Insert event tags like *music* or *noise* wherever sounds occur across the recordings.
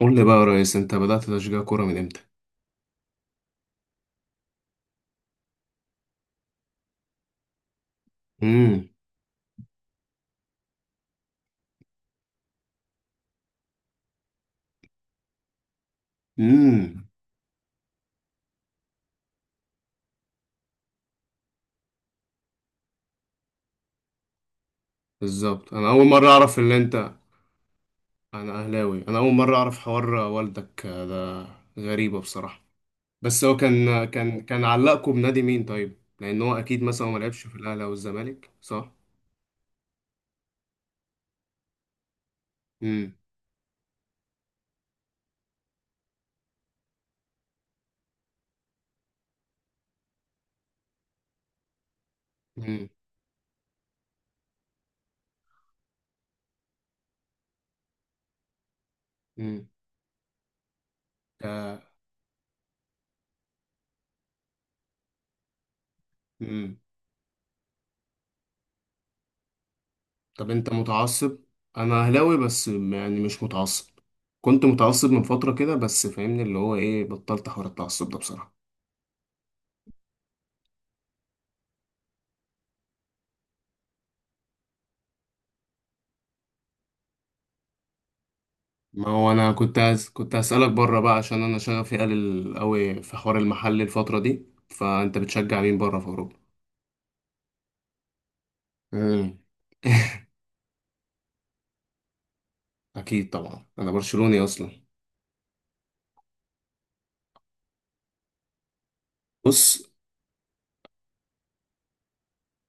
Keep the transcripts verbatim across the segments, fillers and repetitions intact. قول لي بقى يا ريس، انت بدأت تشجيع كورة من امتى؟ امم. امم. بالظبط، انا اول مرة اعرف ان انت. انا اهلاوي. انا اول مرة اعرف حوار والدك ده، غريبة بصراحة. بس هو كان كان كان علقكم بنادي مين طيب؟ لان هو اكيد مثلا ما لعبش في الاهلي او الزمالك، صح؟ امم. امم. امم. آه. امم. طب انت متعصب؟ انا اهلاوي بس يعني مش متعصب. كنت متعصب من فترة كده بس فاهمني اللي هو ايه، بطلت حوار التعصب ده بصراحة. ما هو انا كنت هس... كنت هسألك بره بقى، عشان انا شغفي قليل قوي في حوار المحل الفترة دي. فانت بتشجع مين بره في اوروبا؟ امم. اكيد طبعا، انا برشلوني اصلا. بص،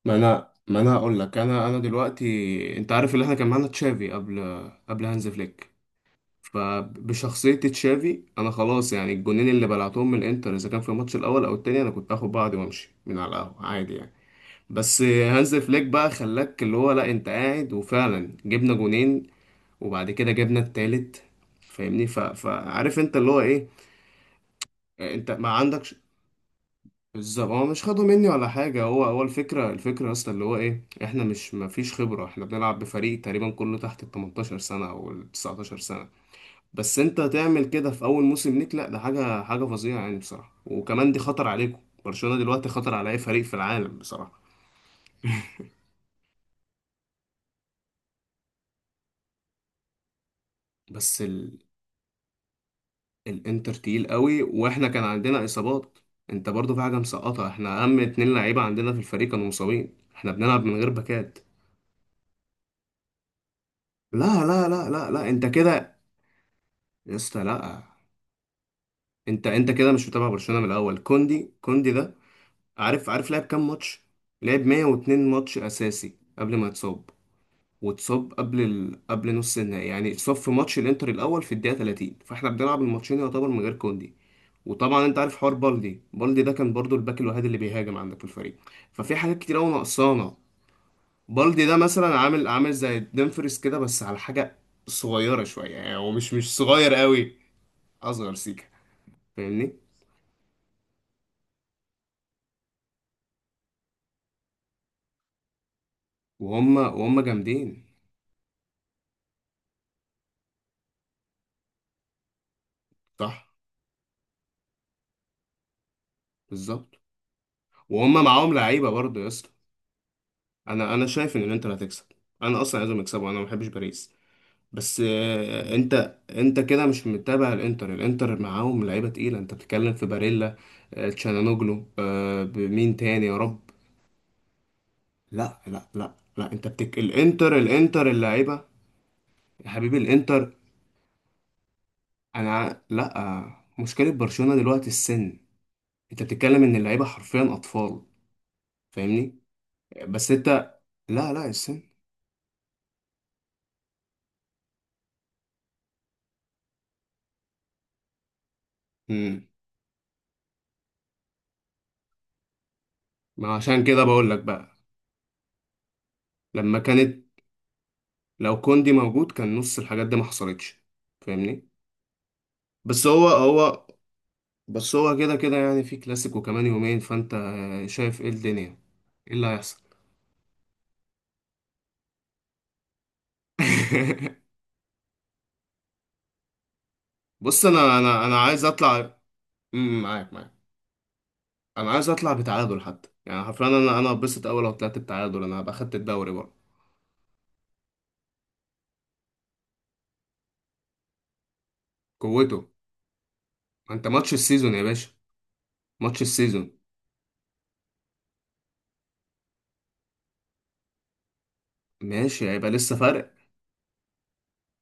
ما انا ما انا هقول لك، انا انا دلوقتي، انت عارف اللي احنا كان معانا تشافي قبل، قبل هانز فليك. فبشخصية تشافي انا خلاص، يعني الجونين اللي بلعتهم من الانتر، اذا كان في الماتش الاول او التاني انا كنت اخد بعضي وامشي من على القهوة عادي يعني. بس هانز فليك بقى خلاك اللي هو، لا، انت قاعد، وفعلا جبنا جونين. وبعد كده جبنا التالت. فاهمني. ف... فعارف انت اللي هو ايه. آه، انت ما عندكش. بالظبط، هو مش خده مني ولا حاجة. هو هو الفكرة الفكرة اصلا اللي هو ايه، احنا مش، ما فيش خبرة. احنا بنلعب بفريق تقريبا كله تحت ال تمنتاشر سنة او ال تسعتاشر سنة. بس انت تعمل كده في اول موسم ليك؟ لا، ده حاجة حاجة فظيعة يعني بصراحة. وكمان دي خطر عليكم. برشلونة دلوقتي خطر على اي فريق في العالم بصراحة. بس ال... الانتر تقيل قوي واحنا كان عندنا اصابات. انت برضو في حاجه مسقطه، احنا اهم اتنين لعيبه عندنا في الفريق كانوا مصابين، احنا بنلعب من غير باكات. لا لا لا لا لا، انت كده. يا اسطى، لا. انت انت كده مش متابع برشلونه من الاول. كوندي، كوندي ده، عارف؟ عارف لعب كام ماتش؟ لعب مية واتنين ماتش اساسي قبل ما يتصاب. واتصاب قبل ال... قبل نص النهائي، يعني اتصاب في ماتش الانتر الاول في الدقيقه تلاتين، فاحنا بنلعب الماتشين يعتبر من غير كوندي. وطبعا انت عارف حوار بالدي، بالدي ده كان برضو الباك الوحيد اللي بيهاجم عندك في الفريق. ففي حاجات كتير قوي ناقصانا. بالدي ده مثلا عامل عامل زي ديمفريس كده، بس على حاجه صغيره شويه، يعني هو مش مش صغير قوي. اصغر سيكه. فاهمني. وهم وهم جامدين. صح. بالظبط، وهم معاهم لعيبه برضو يا اسطى. انا انا شايف ان الانتر هتكسب. انا اصلا عايزهم يكسبوا، انا ما بحبش باريس. بس آه، انت انت كده مش متابع الانتر. الانتر معاهم لعيبه تقيله، انت بتتكلم في باريلا، آه، تشانانوجلو، آه، بمين تاني يا رب. لا لا لا لا، انت بتك... الانتر الانتر اللعيبه. يا حبيبي الانتر. انا ع- لا آه، مشكله برشلونه دلوقتي السن. انت بتتكلم ان اللعيبه حرفيا اطفال. فاهمني. بس انت. لا لا، السن. مم. ما عشان كده بقول لك بقى، لما كانت، لو كوندي موجود كان نص الحاجات دي ما حصلتش. فاهمني. بس هو هو بس هو كده كده يعني، في كلاسيكو كمان يومين. فانت شايف ايه الدنيا؟ ايه اللي هيحصل؟ *laughs* بص انا انا انا عايز اطلع. أمم، معاك معاك. انا عايز اطلع بتعادل حتى، يعني حرفيا انا انا اتبسط. اول لو طلعت بتعادل انا هبقى خدت الدوري بقى. قوته. ما انت ماتش السيزون يا باشا. ماتش السيزون. ماشي، هيبقى لسه فرق.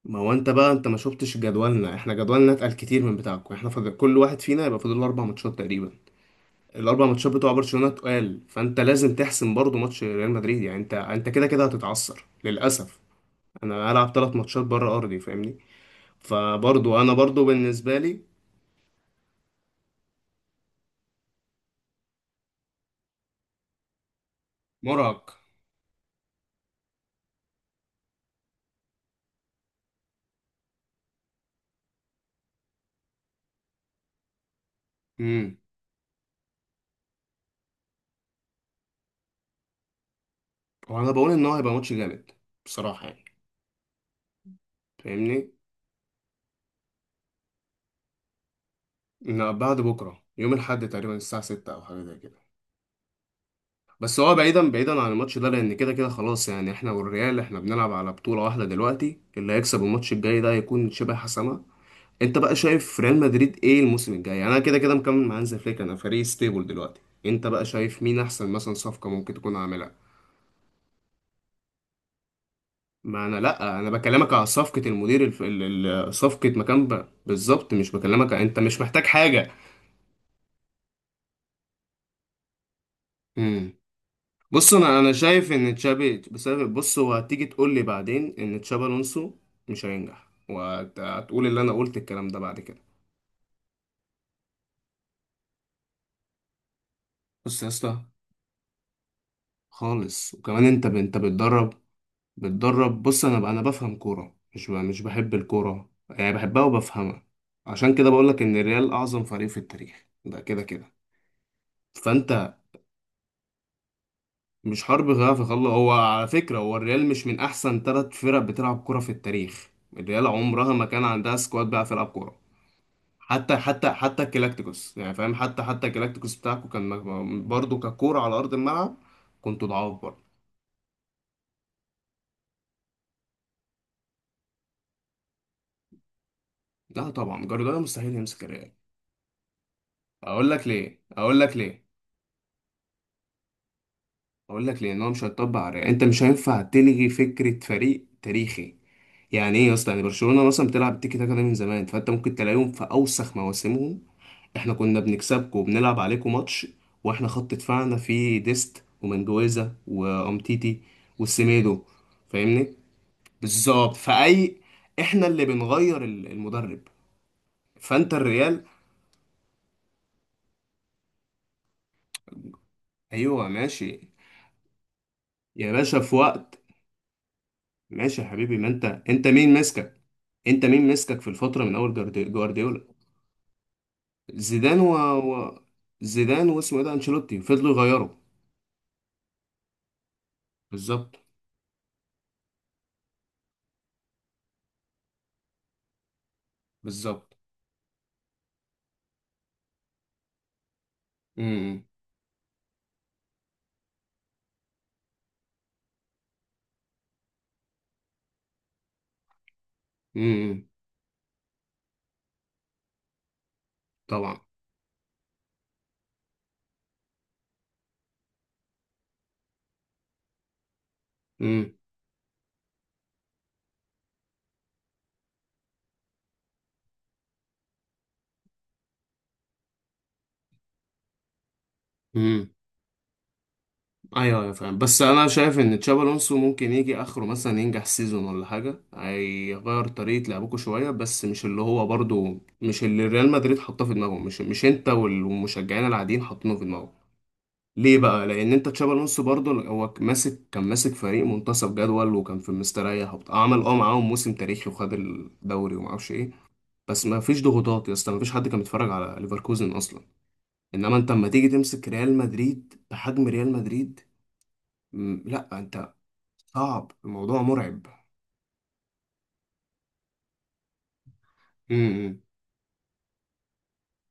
ما هو انت بقى، انت ما شفتش جدولنا؟ احنا جدولنا اتقل كتير من بتاعكم. احنا فاضل كل واحد فينا يبقى فاضل له اربع ماتشات تقريبا. الاربع ماتشات بتوع برشلونه تقال، فانت لازم تحسم برضو ماتش ريال مدريد. يعني انت انت كده كده هتتعثر للاسف. انا هلعب ثلاث ماتشات بره ارضي فاهمني. فبرضو انا برضو بالنسبه لي مرهق. امم. وانا بقول ان هو هيبقى ماتش جامد بصراحه يعني. فاهمني. إن بعد بكره يوم الاحد تقريبا الساعه ستة او حاجه زي كده. بس هو بعيدا بعيدا عن الماتش ده لان كده كده خلاص يعني. احنا والريال احنا بنلعب على بطوله واحده دلوقتي. اللي هيكسب الماتش الجاي ده هيكون شبه حسمه. انت بقى شايف ريال مدريد ايه الموسم الجاي؟ يعني انا كده كده مكمل مع هانز فليك، انا فريق ستيبل دلوقتي. انت بقى شايف مين احسن مثلا صفقة ممكن تكون عاملها؟ ما انا لا، انا بكلمك على صفقة المدير الف... ال- ال- صفقة مكان بقى بالظبط، مش بكلمك ع- انت مش محتاج حاجة. امم. بص انا انا شايف ان تشابي بسبب، بص هو هتيجي تقول لي بعدين ان تشابي الونسو مش هينجح، وهتقول اللي انا قلت الكلام ده بعد كده. بص يا اسطى، خالص. وكمان انت ب... انت بتدرب. بتدرب بص انا انا بفهم كوره، مش ب- مش بحب الكوره يعني، بحبها وبفهمها. عشان كده بقولك ان الريال اعظم فريق في التاريخ ده كده كده. فانت مش حرب غاف يخلص هو على فكره. هو الريال مش من احسن ثلاث فرق بتلعب كوره في التاريخ. الريال عمرها ما كان عندها سكواد بقى تلعب كوره. حتى حتى حتى الكلاكتيكوس يعني فاهم، حتى حتى الكلاكتيكوس بتاعكم كان مج- برضه ككوره على ارض الملعب كنتوا ضعاف برضه. لا طبعا، جوارديولا مستحيل يمسك الريال. اقول لك ليه، اقول لك ليه. اقول لك، لان هو مش هيطبق على، انت مش هينفع تلغي فكره فريق تاريخي. يعني ايه يا اسطى؟ يعني برشلونه مثلا بتلعب التيكي تاكا ده من زمان، فانت ممكن تلاقيهم في اوسخ مواسمهم، احنا كنا بنكسبكم وبنلعب عليكم ماتش واحنا خط دفاعنا فيه ديست ومنجويزا وامتيتي والسيميدو. فاهمني. بالظبط فاي. احنا اللي بنغير ال- المدرب. فانت الريال. ايوه ماشي. يا باشا في وقت. ماشي يا حبيبي، ما انت انت مين ماسكك؟ انت مين ماسكك في الفتره من اول جاردي- جوارديولا، زيدان و... و... زيدان واسمه ايه ده، انشيلوتي، فضلوا يغيروا. بالظبط. بالظبط. امم. امم. إمم. إمم. طبعا. امم. امم. ايوه ايوه فاهم، بس انا شايف ان تشابي الونسو ممكن يجي اخره مثلا ينجح سيزون ولا حاجه. هيغير طريقه لعبكم شويه، بس مش اللي هو برضو، مش اللي ريال مدريد حاطاه في دماغهم، مش مش انت والمشجعين العاديين حاطينه في دماغهم. ليه بقى؟ لان انت تشابي الونسو برضه هو ماسك كان ماسك فريق منتصف جدول، وكان في مستريح وبتاع، آه، عمل اه معاهم موسم تاريخي وخد الدوري وما اعرفش ايه. بس ما فيش ضغوطات يا اسطى، ما فيش حد كان بيتفرج على ليفركوزن اصلا. انما انت اما تيجي تمسك ريال مدريد بحجم ريال مدريد. مم، لا انت. صعب، الموضوع مرعب. امم.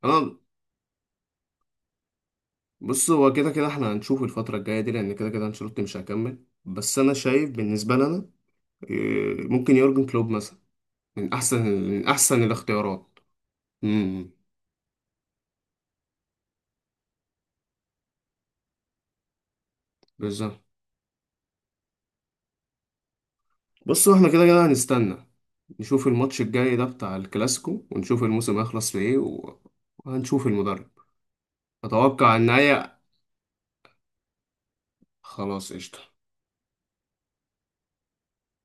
انا. بص هو كده كده احنا هنشوف الفتره الجايه دي، لان كده كده انشيلوتي مش هيكمل. بس انا شايف بالنسبه لنا إيه، ممكن يورجن كلوب مثلا من احسن من احسن الاختيارات. امم. بالظبط. بص احنا كده كده هنستنى، نشوف الماتش الجاي ده بتاع الكلاسيكو، ونشوف الموسم هيخلص في ايه و- وهنشوف المدرب. اتوقع ان هي. خلاص قشطة.